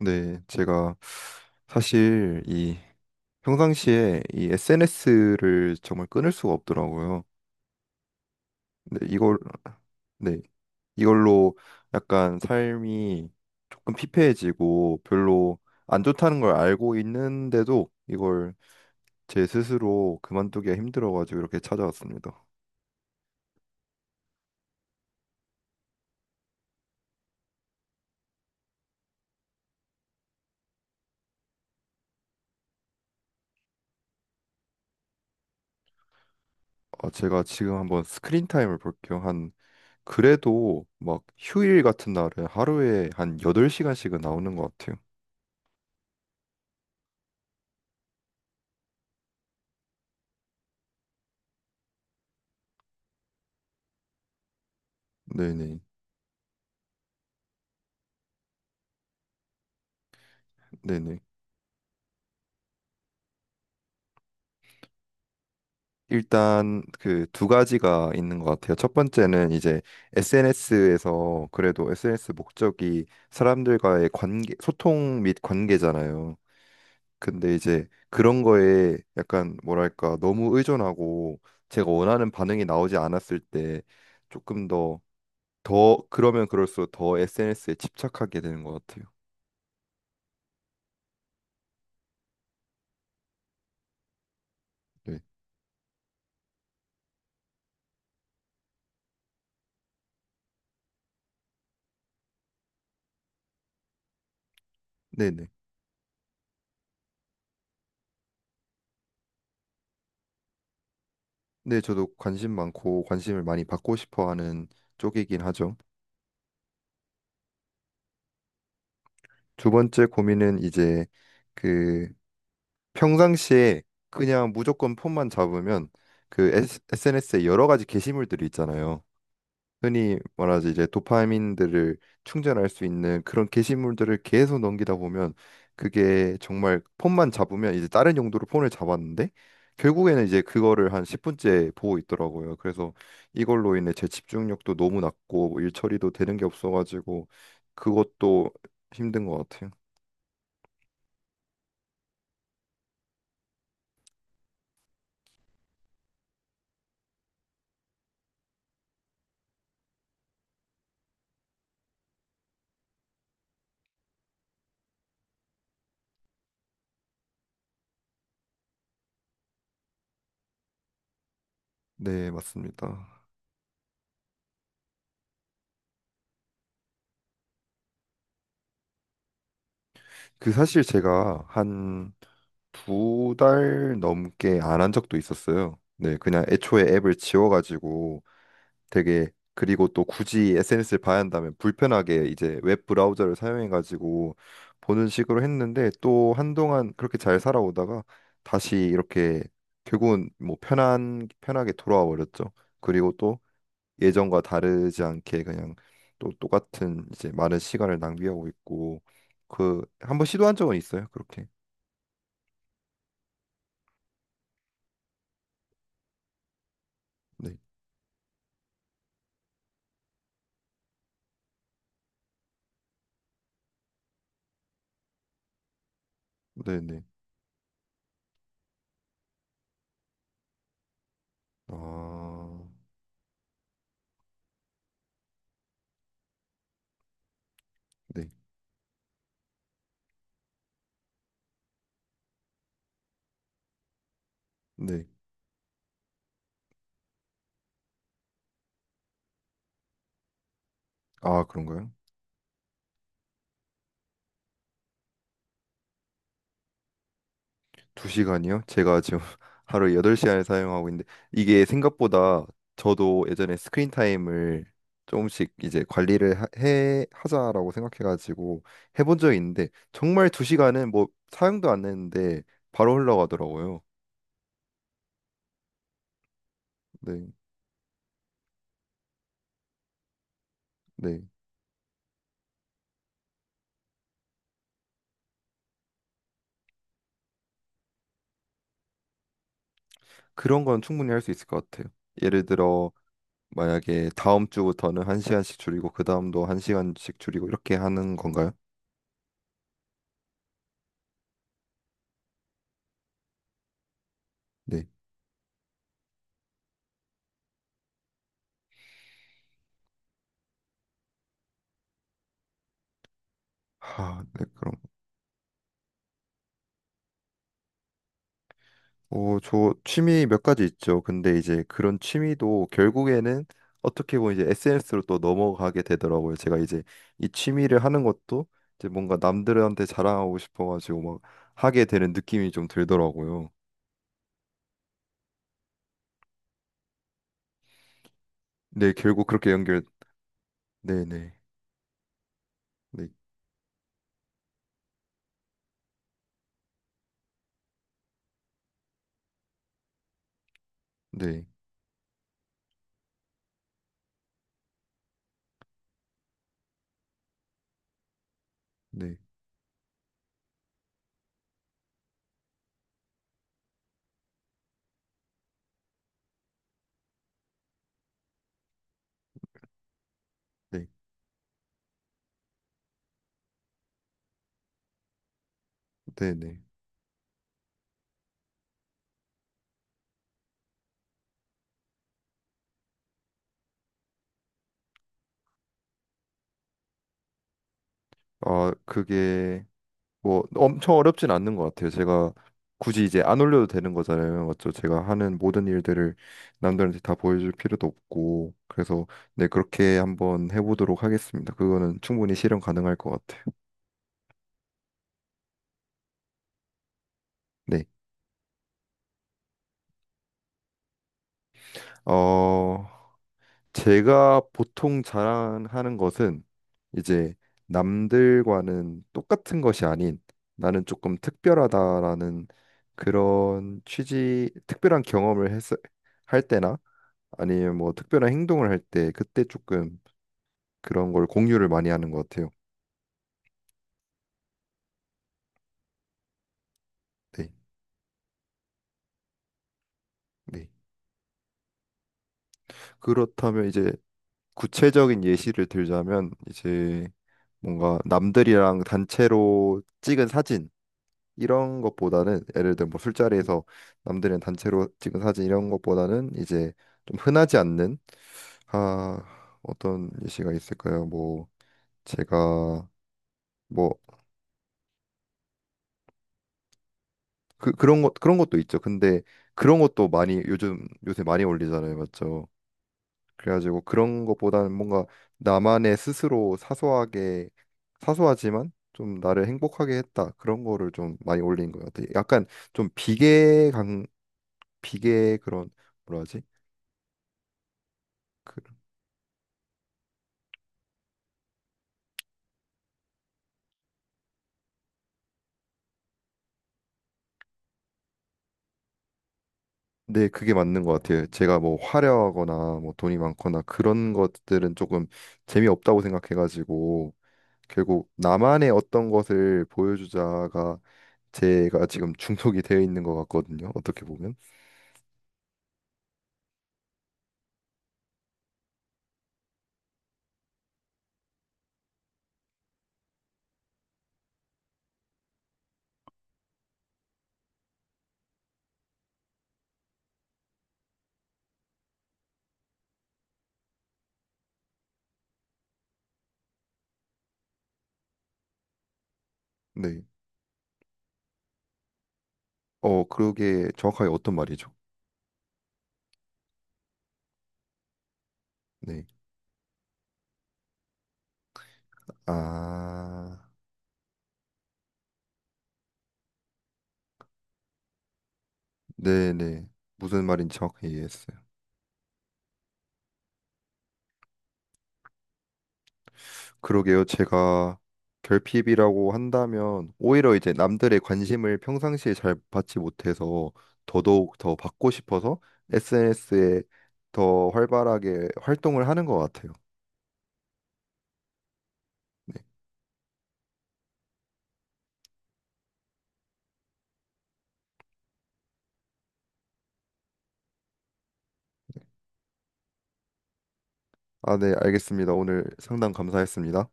네, 제가 사실 이 평상시에 이 SNS를 정말 끊을 수가 없더라고요. 근데 이걸 네, 이걸로 약간 삶이 조금 피폐해지고 별로 안 좋다는 걸 알고 있는데도 이걸 제 스스로 그만두기가 힘들어가지고 이렇게 찾아왔습니다. 아, 제가 지금 한번 스크린 타임을 볼게요. 한 그래도 막 휴일 같은 날은 하루에 한 8시간씩은 나오는 것 같아요. 네네. 네네. 일단 그 두 가지가 있는 것 같아요. 첫 번째는 이제 SNS에서, 그래도 SNS 목적이 사람들과의 관계, 소통 및 관계잖아요. 근데 이제 그런 거에 약간 뭐랄까 너무 의존하고, 제가 원하는 반응이 나오지 않았을 때 조금 더, 더 그러면 그럴수록 더 SNS에 집착하게 되는 것 같아요. 네. 네네. 네, 저도 관심 많고 관심을 많이 받고 싶어 하는 쪽이긴 하죠. 두 번째 고민은 이제 그 평상시에 그냥 무조건 폰만 잡으면 그 SNS에 여러 가지 게시물들이 있잖아요. 흔히 말하지, 이제 도파민들을 충전할 수 있는 그런 게시물들을 계속 넘기다 보면, 그게 정말 폰만 잡으면 이제 다른 용도로 폰을 잡았는데 결국에는 이제 그거를 한 10분째 보고 있더라고요. 그래서 이걸로 인해 제 집중력도 너무 낮고 뭐 일 처리도 되는 게 없어가지고 그것도 힘든 것 같아요. 네, 맞습니다. 그 사실 제가 한 두 달 넘게 안 한 적도 있었어요. 네, 그냥 애초에 앱을 지워가지고, 되게 그리고 또 굳이 SNS를 봐야 한다면 불편하게 이제 웹 브라우저를 사용해가지고 보는 식으로 했는데, 또 한동안 그렇게 잘 살아오다가 다시 이렇게 결국은 뭐 편한 편하게 돌아와 버렸죠. 그리고 예전과 다르지 않게 그냥 또 똑같은 이제 많은 시간을 낭비하고 있고, 그 한번 시도한 적은 있어요. 그렇게. 네. 네, 네. 아. 네. 네. 아, 그런가요? 두 시간이요? 제가 지금 하루 8시간을 사용하고 있는데 이게 생각보다, 저도 예전에 스크린 타임을 조금씩 이제 관리를 하- 해 하자라고 생각해 가지고 해본 적이 있는데, 정말 두 시간은 뭐 사용도 안 했는데 바로 흘러가더라고요. 네. 네. 그런 건 충분히 할 수 있을 것 같아요. 예를 들어 만약에 다음 주부터는 한 시간씩 줄이고 그 다음도 한 시간씩 줄이고 이렇게 하는 건가요? 네. 하, 네 그럼. 어, 저 취미 몇 가지 있죠. 근데 이제 그런 취미도 결국에는 어떻게 보면 이제 SNS로 또 넘어가게 되더라고요. 제가 이제 이 취미를 하는 것도 이제 뭔가 남들한테 자랑하고 싶어가지고 막 하게 되는 느낌이 좀 들더라고요. 네, 결국 그렇게 연결. 네네. 네, 네, 네, 네, 네, 네. 네. 아, 그게 뭐 엄청 어렵진 않는 것 같아요. 제가 굳이 이제 안 올려도 되는 거잖아요. 맞죠? 제가 하는 모든 일들을 남들한테 다 보여줄 필요도 없고. 그래서 네, 그렇게 한번 해보도록 하겠습니다. 그거는 충분히 실현 가능할 것 같아요. 네. 어, 제가 보통 자랑하는 것은 이제 남들과는 똑같은 것이 아닌 나는 조금 특별하다라는 그런 취지, 특별한 경험을 했, 할 때나 아니면 뭐 특별한 행동을 할 때, 그때 조금 그런 걸 공유를 많이 하는 것 같아요. 네, 네. 그렇다면 이제 구체적인 예시를 들자면, 이제 뭔가 남들이랑 단체로 찍은 사진 이런 것보다는, 예를 들어 뭐 술자리에서 남들이랑 단체로 찍은 사진 이런 것보다는, 이제 좀 흔하지 않는, 아 어떤 예시가 있을까요? 뭐 제가 뭐 그런 것도 있죠. 근데 그런 것도 많이 요즘 요새 많이 올리잖아요. 맞죠? 그래가지고 그런 것보다는 뭔가 나만의 스스로 사소하게, 사소하지만 좀 나를 행복하게 했다 그런 거를 좀 많이 올린 것 같아요. 약간 좀 비계 강 비계 그런, 뭐라 하지? 그, 네 그게 맞는 것 같아요. 제가 뭐 화려하거나 뭐 돈이 많거나 그런 것들은 조금 재미없다고 생각해가지고, 결국 나만의 어떤 것을 보여주자가 제가 지금 중독이 되어 있는 것 같거든요. 어떻게 보면. 네. 어, 그게 정확하게 어떤 말이죠? 네. 아, 네네. 무슨 말인지 정확히 이해했어요. 그러게요. 제가 결핍이라고 한다면 오히려 이제 남들의 관심을 평상시에 잘 받지 못해서 더더욱 더 받고 싶어서 SNS에 더 활발하게 활동을 하는 것 같아요. 네. 아, 네. 알겠습니다. 오늘 상담 감사했습니다.